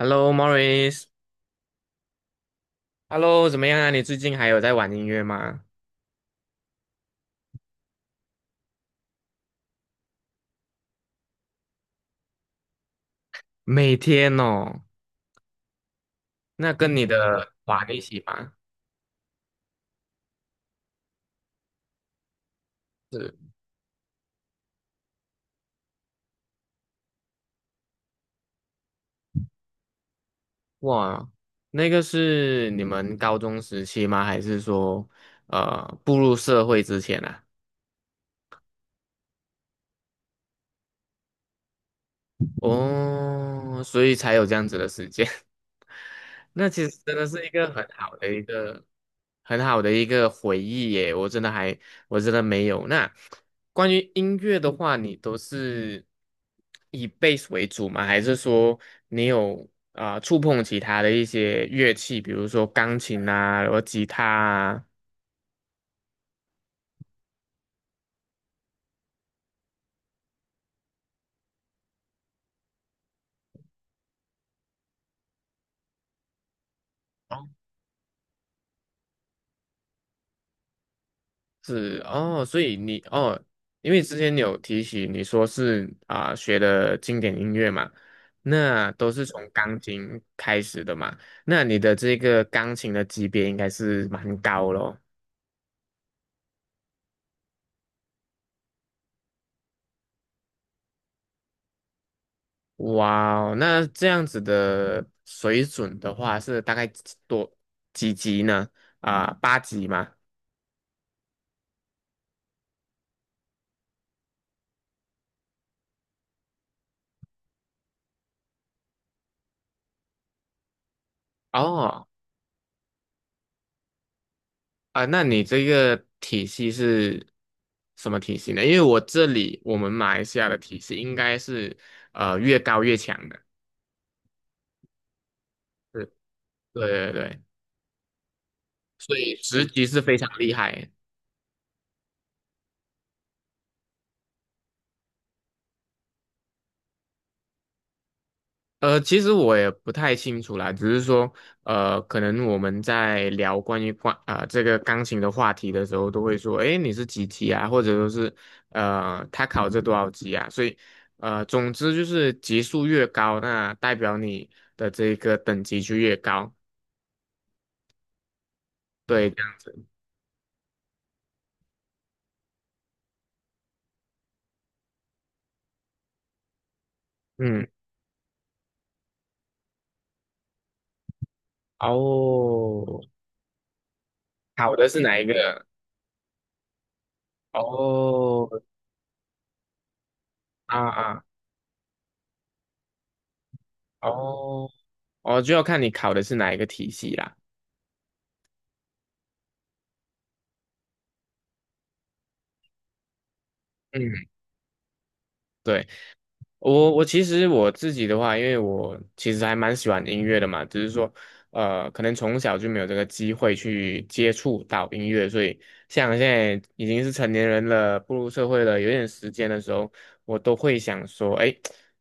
Hello，Morris。Hello，怎么样啊？你最近还有在玩音乐吗？每天哦，那跟你的玩一起吗？是。哇，那个是你们高中时期吗？还是说，步入社会之前啊？哦，所以才有这样子的时间。那其实真的是一个很好的一个回忆耶，我真的还我真的没有。那关于音乐的话，你都是以 bass 为主吗？还是说你有啊、触碰其他的一些乐器，比如说钢琴啊，然后吉他啊？是哦，所以你哦，因为之前你有提起你说是啊、学的经典音乐嘛，那都是从钢琴开始的嘛，那你的这个钢琴的级别应该是蛮高咯。哇哦，那这样子的水准的话是大概几多几级呢？啊、八级吗？哦。啊，那你这个体系是什么体系呢？因为我这里我们马来西亚的体系应该是越高越强的，对。对对对，所以职级是非常厉害。其实我也不太清楚啦，只是说可能我们在聊关于这个钢琴的话题的时候，都会说，诶，你是几级啊？或者说是他考这多少级啊？所以总之就是级数越高，那代表你的这个等级就越高。对，这样。嗯，哦，考的是哪一个？哦，啊啊，哦，哦，就要看你考的是哪一个体系啦。嗯，对。我其实我自己的话，因为我其实还蛮喜欢音乐的嘛，只是说，可能从小就没有这个机会去接触到音乐，所以像现在已经是成年人了，步入社会了，有点时间的时候，我都会想说，哎，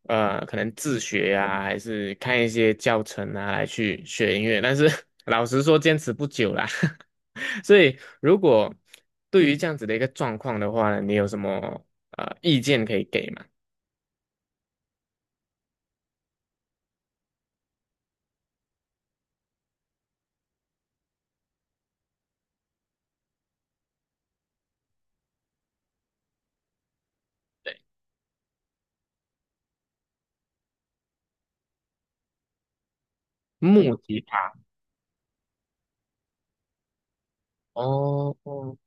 可能自学呀、还是看一些教程啊，来去学音乐。但是 老实说，坚持不久啦。所以，如果对于这样子的一个状况的话呢，你有什么意见可以给吗？对。木吉他哦，哦。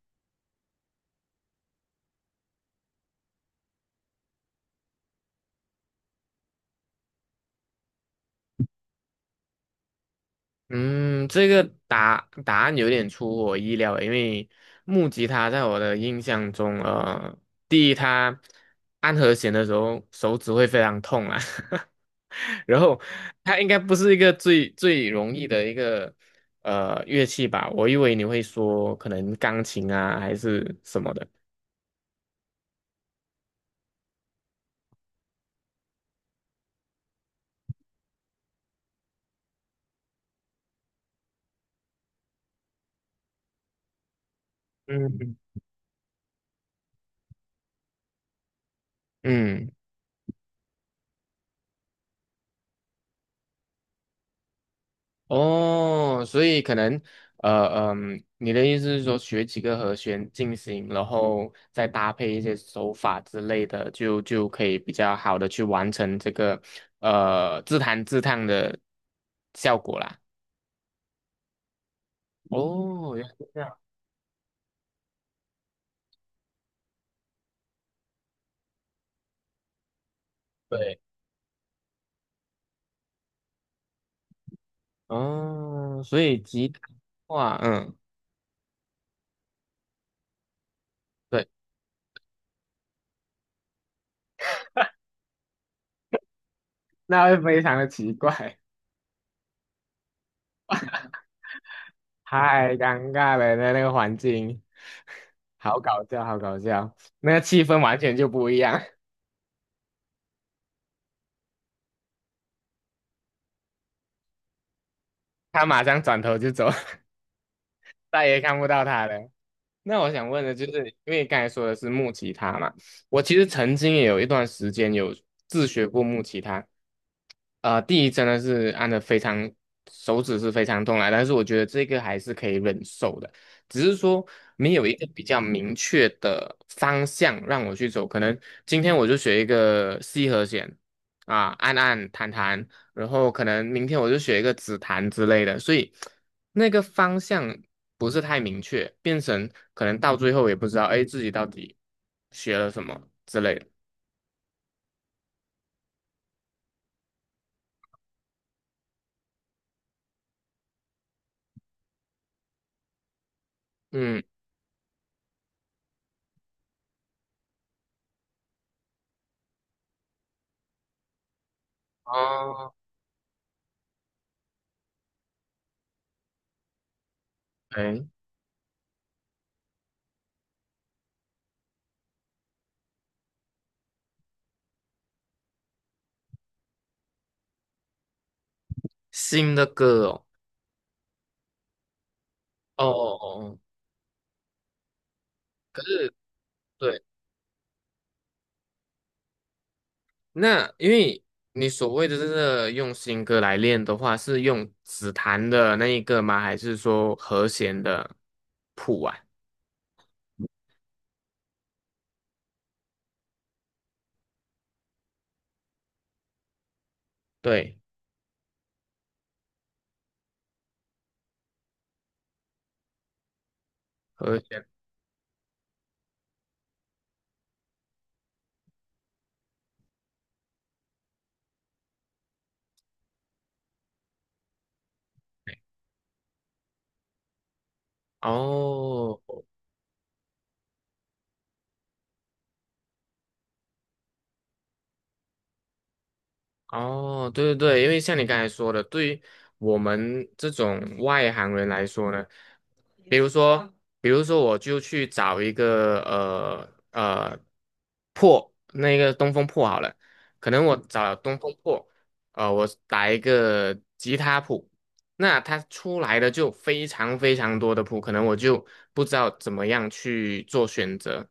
嗯，这个答案有点出乎我意料诶，因为木吉他在我的印象中，呃，第一，它按和弦的时候手指会非常痛啊，然后它应该不是一个最容易的一个乐器吧？我以为你会说可能钢琴啊还是什么的，嗯。嗯。哦，所以可能，呃嗯，你的意思是说学几个和弦进行，然后再搭配一些手法之类的，就可以比较好的去完成这个自弹自唱的效果啦。哦，原来是这样。对，哦，所以吉他的话嗯，对，那会非常的奇怪，太尴尬了，那个环境，好搞笑，好搞笑，那个气氛完全就不一样。他马上转头就走，再也看不到他了。那我想问的就是，因为刚才说的是木吉他嘛，我其实曾经也有一段时间有自学过木吉他，呃，第一真的是按的非常是非常痛来，但是我觉得这个还是可以忍受的，只是说没有一个比较明确的方向让我去走，可能今天我就学一个 C 和弦啊，按按弹弹，然后可能明天我就学一个紫檀之类的，所以那个方向不是太明确，变成可能到最后也不知道，哎，自己到底学了什么之类的。嗯，哦，哎，新的歌哦，哦哦哦，对，那因为你所谓的这个用新歌来练的话，是用指檀的那一个吗？还是说和弦的谱啊？对，和弦。哦，哦，对对对，因为像你刚才说的，对于我们这种外行人来说呢，比如说，比如说，我就去找一个那个东风破好了，可能我找了东风破，我打一个吉他谱，那它出来的就非常非常多的谱，可能我就不知道怎么样去做选择。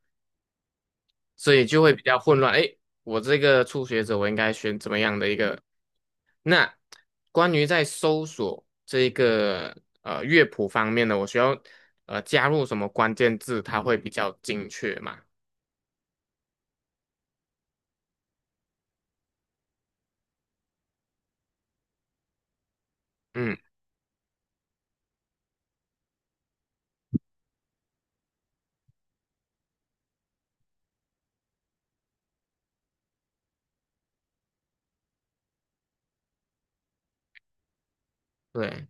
所以就会比较混乱。诶，我这个初学者，我应该选怎么样的一个？那关于在搜索这一个乐谱方面呢，我需要加入什么关键字，它会比较精确嘛？嗯，对，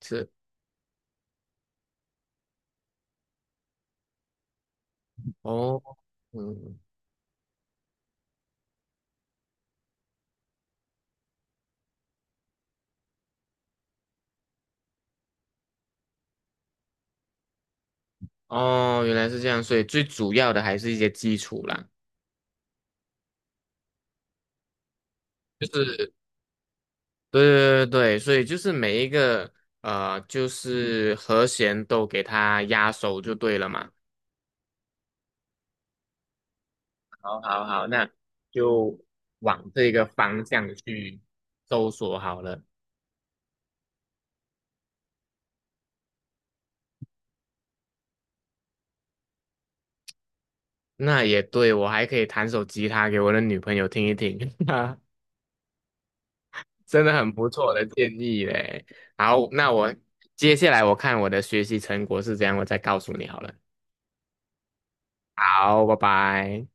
是哦，嗯，哦，原来是这样，所以最主要的还是一些基础啦。就是对对对对，所以就是每一个就是和弦都给它压熟就对了嘛。好好，那就往这个方向去搜索好了。那也对，我还可以弹首吉他给我的女朋友听一听，哈真的很不错的建议嘞。好，那接下来我看我的学习成果是怎样，我再告诉你好了。好，拜拜。